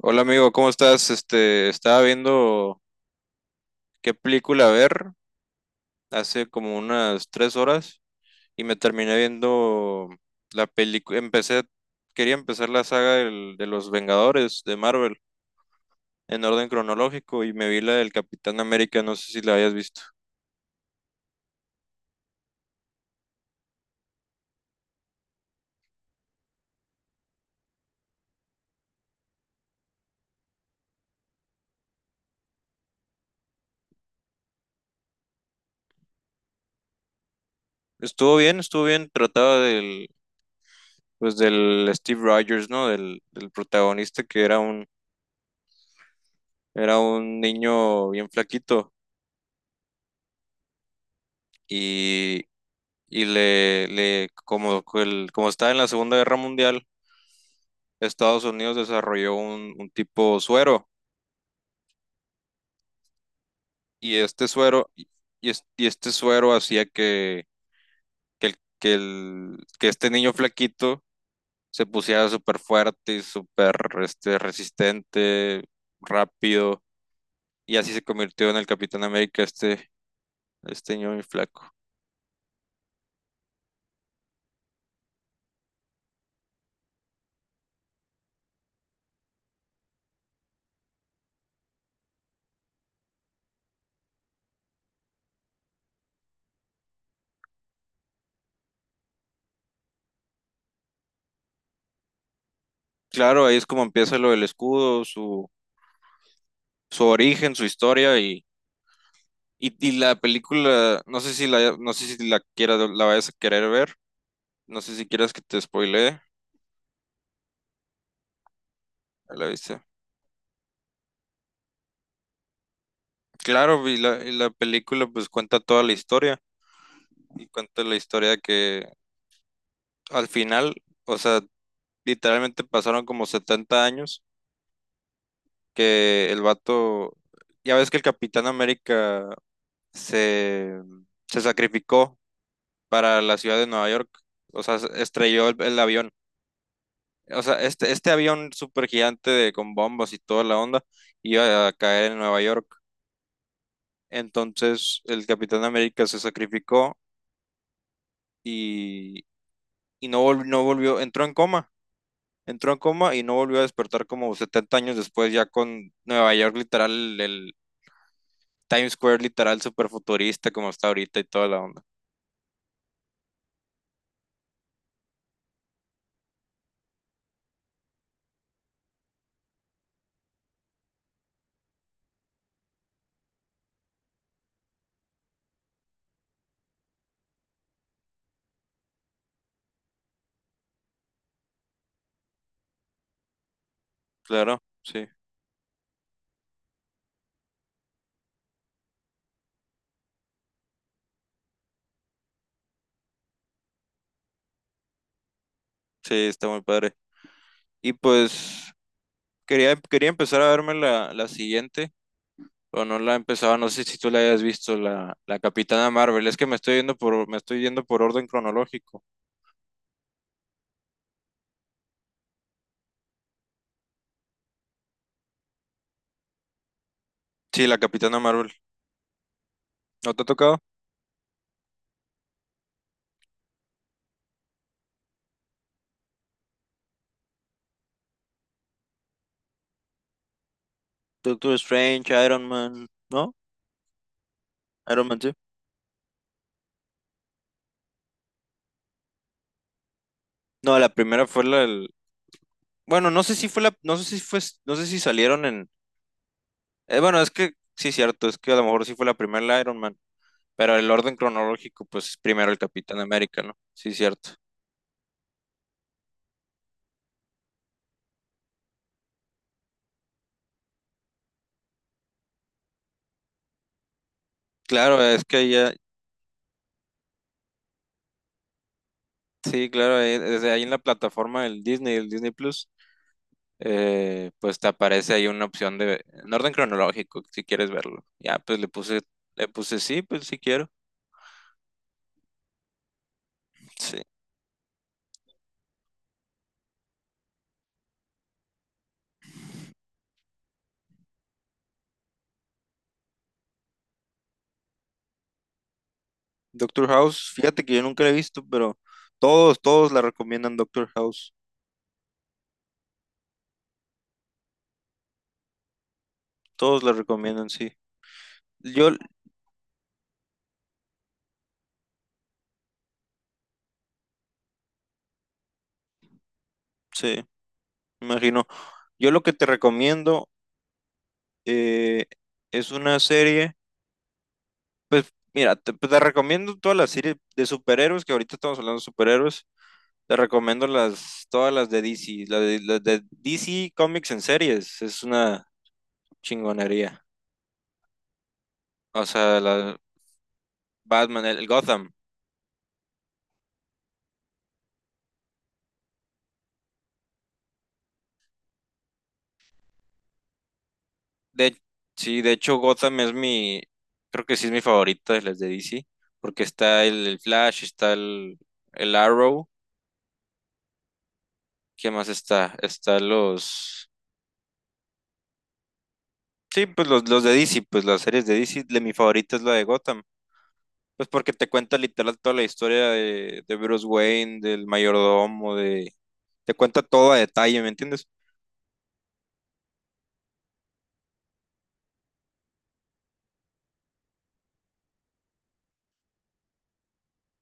Hola amigo, ¿cómo estás? Estaba viendo qué película ver hace como unas tres horas y me terminé viendo la película. Quería empezar la saga de los Vengadores de Marvel en orden cronológico y me vi la del Capitán América, no sé si la hayas visto. Estuvo bien, trataba pues del Steve Rogers, ¿no? Del protagonista que era un niño bien flaquito y le como, que el- como estaba en la Segunda Guerra Mundial, Estados Unidos desarrolló un tipo suero y este suero y, y este suero hacía que este niño flaquito se pusiera súper fuerte y súper resistente, rápido y así se convirtió en el Capitán América este niño muy flaco. Claro, ahí es como empieza lo del escudo, su origen, su historia. Y y la película, no sé si la la vayas a querer ver, no sé si quieras que te spoilee, ya la viste. Claro, y la película pues cuenta toda la historia, y cuenta la historia que al final, o sea, literalmente pasaron como 70 años que el vato, ya ves que el Capitán América se, se sacrificó para la ciudad de Nueva York, o sea, estrelló el avión. O sea, este avión súper gigante de, con bombas y toda la onda iba a caer en Nueva York. Entonces el Capitán América se sacrificó y, y no, no volvió, entró en coma y no volvió a despertar como 70 años después, ya con Nueva York literal, el Times Square literal súper futurista como está ahorita y toda la onda. Claro, sí, sí, está muy padre. Y pues quería empezar a verme la siguiente, o no la empezaba, no sé si tú la hayas visto, la Capitana Marvel. Es que me estoy yendo me estoy yendo por orden cronológico. Sí, la Capitana Marvel. ¿No te ha tocado? Doctor Strange, Iron Man, ¿no? Iron Man sí. No, la primera fue la del- Bueno, no sé si fue la, no sé si fue, no sé si salieron en. Bueno, es que sí, cierto, es que a lo mejor sí fue la primera la Iron Man, pero el orden cronológico, pues primero el Capitán América, ¿no? Sí, cierto. Claro, es que ya, sí, claro, desde ahí en la plataforma del Disney, el Disney Plus. Pues te aparece ahí una opción de en orden cronológico, si quieres verlo. Le puse sí, pues sí quiero. Sí. Doctor House, fíjate que yo nunca la he visto, pero todos, todos la recomiendan Doctor House. Todos la recomiendan, sí. Yo, sí, me imagino. Yo lo que te recomiendo eh, es una serie, pues mira, pues, te recomiendo todas las series de superhéroes, que ahorita estamos hablando de superhéroes. Te recomiendo todas las de DC, las de DC Comics en series, es una chingonería. O sea, la Batman, el Gotham. De, sí, de hecho Gotham es mi, creo que sí es mi favorita de las de DC, porque está el Flash, el Arrow, ¿qué más está? Está sí, pues los de DC, pues las series de DC, de, mi favorita es la de Gotham. Pues porque te cuenta literal toda la historia de Bruce Wayne, del mayordomo, de... Te cuenta todo a detalle, ¿me entiendes?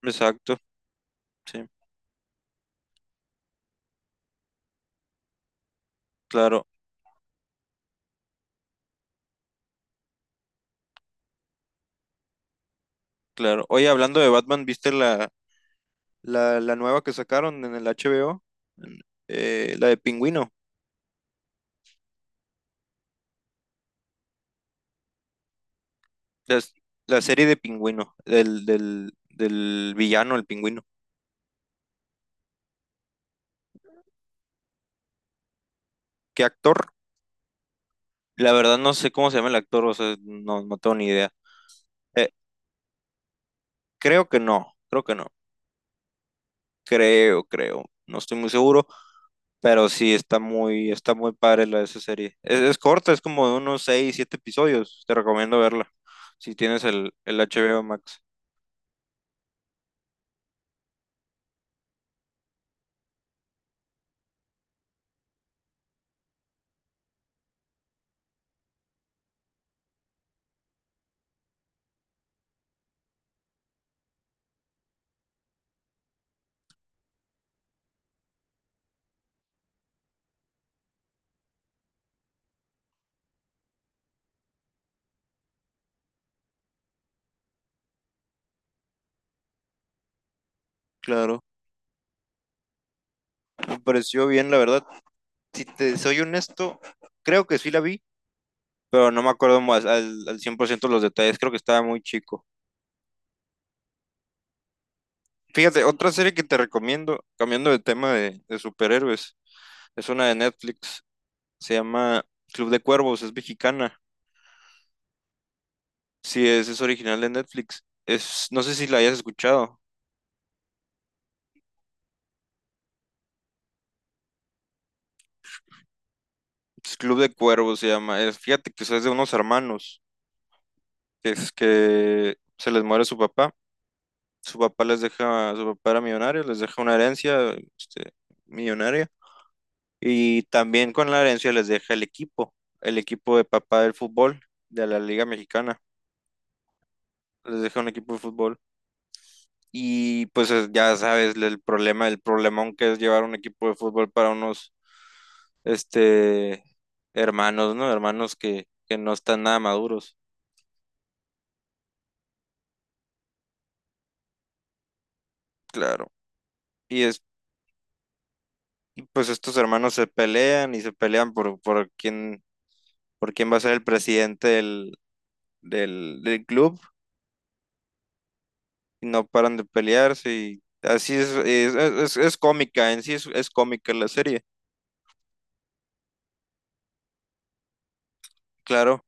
Exacto, sí, claro, claro. Oye, hablando de Batman, ¿viste la nueva que sacaron en el HBO? En- la de Pingüino, la, la serie de Pingüino, del villano, el Pingüino. ¿Qué actor? La verdad no sé cómo se llama el actor, o sea, no, no tengo ni idea. Eh, Creo que no, creo que no, creo, creo, no estoy muy seguro. Pero sí, está muy padre la de esa serie. Es corta, es como de unos 6 7 episodios. Te recomiendo verla. Si tienes el HBO Max. Claro. Me pareció bien, la verdad. Si te soy honesto, creo que sí la vi, pero no me acuerdo más al 100% los detalles. Creo que estaba muy chico. Fíjate, otra serie que te recomiendo, cambiando de tema de superhéroes, es una de Netflix. Se llama Club de Cuervos, es mexicana. Sí, es original de Netflix. Es, no sé si la hayas escuchado. Es Club de Cuervos se llama. Es, fíjate que eso es de unos hermanos, que es que se les muere su papá. Su papá les deja, su papá era millonario, les deja una herencia, este, millonaria. Y también con la herencia les deja el equipo de papá del fútbol, de la Liga Mexicana. Les deja un equipo de fútbol. Y pues ya sabes el problema, el problemón que es llevar un equipo de fútbol para unos, este, hermanos, ¿no? Hermanos que no están nada maduros. Claro. Y es Pues estos hermanos se pelean y se pelean por quién va a ser el presidente del club y no paran de pelearse y así es cómica, en sí es cómica la serie, claro,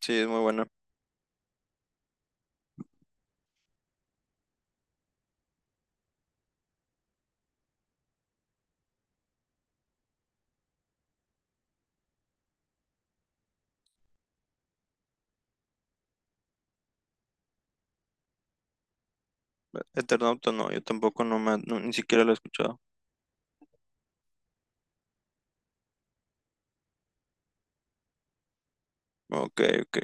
sí, es muy buena. Eternauta no, yo tampoco no, ni siquiera la he escuchado. Ok, ok,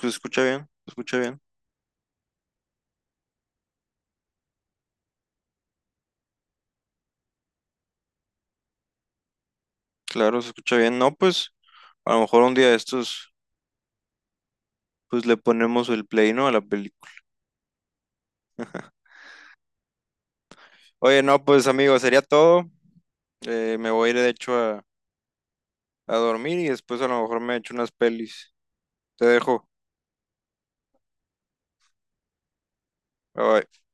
se escucha bien, claro, se escucha bien, no, pues a lo mejor un día de estos, pues le ponemos el play, ¿no? A la película. Oye, no, pues amigo, sería todo. Me voy a ir de hecho a dormir y después a lo mejor me echo unas pelis. Te dejo. Bye bye.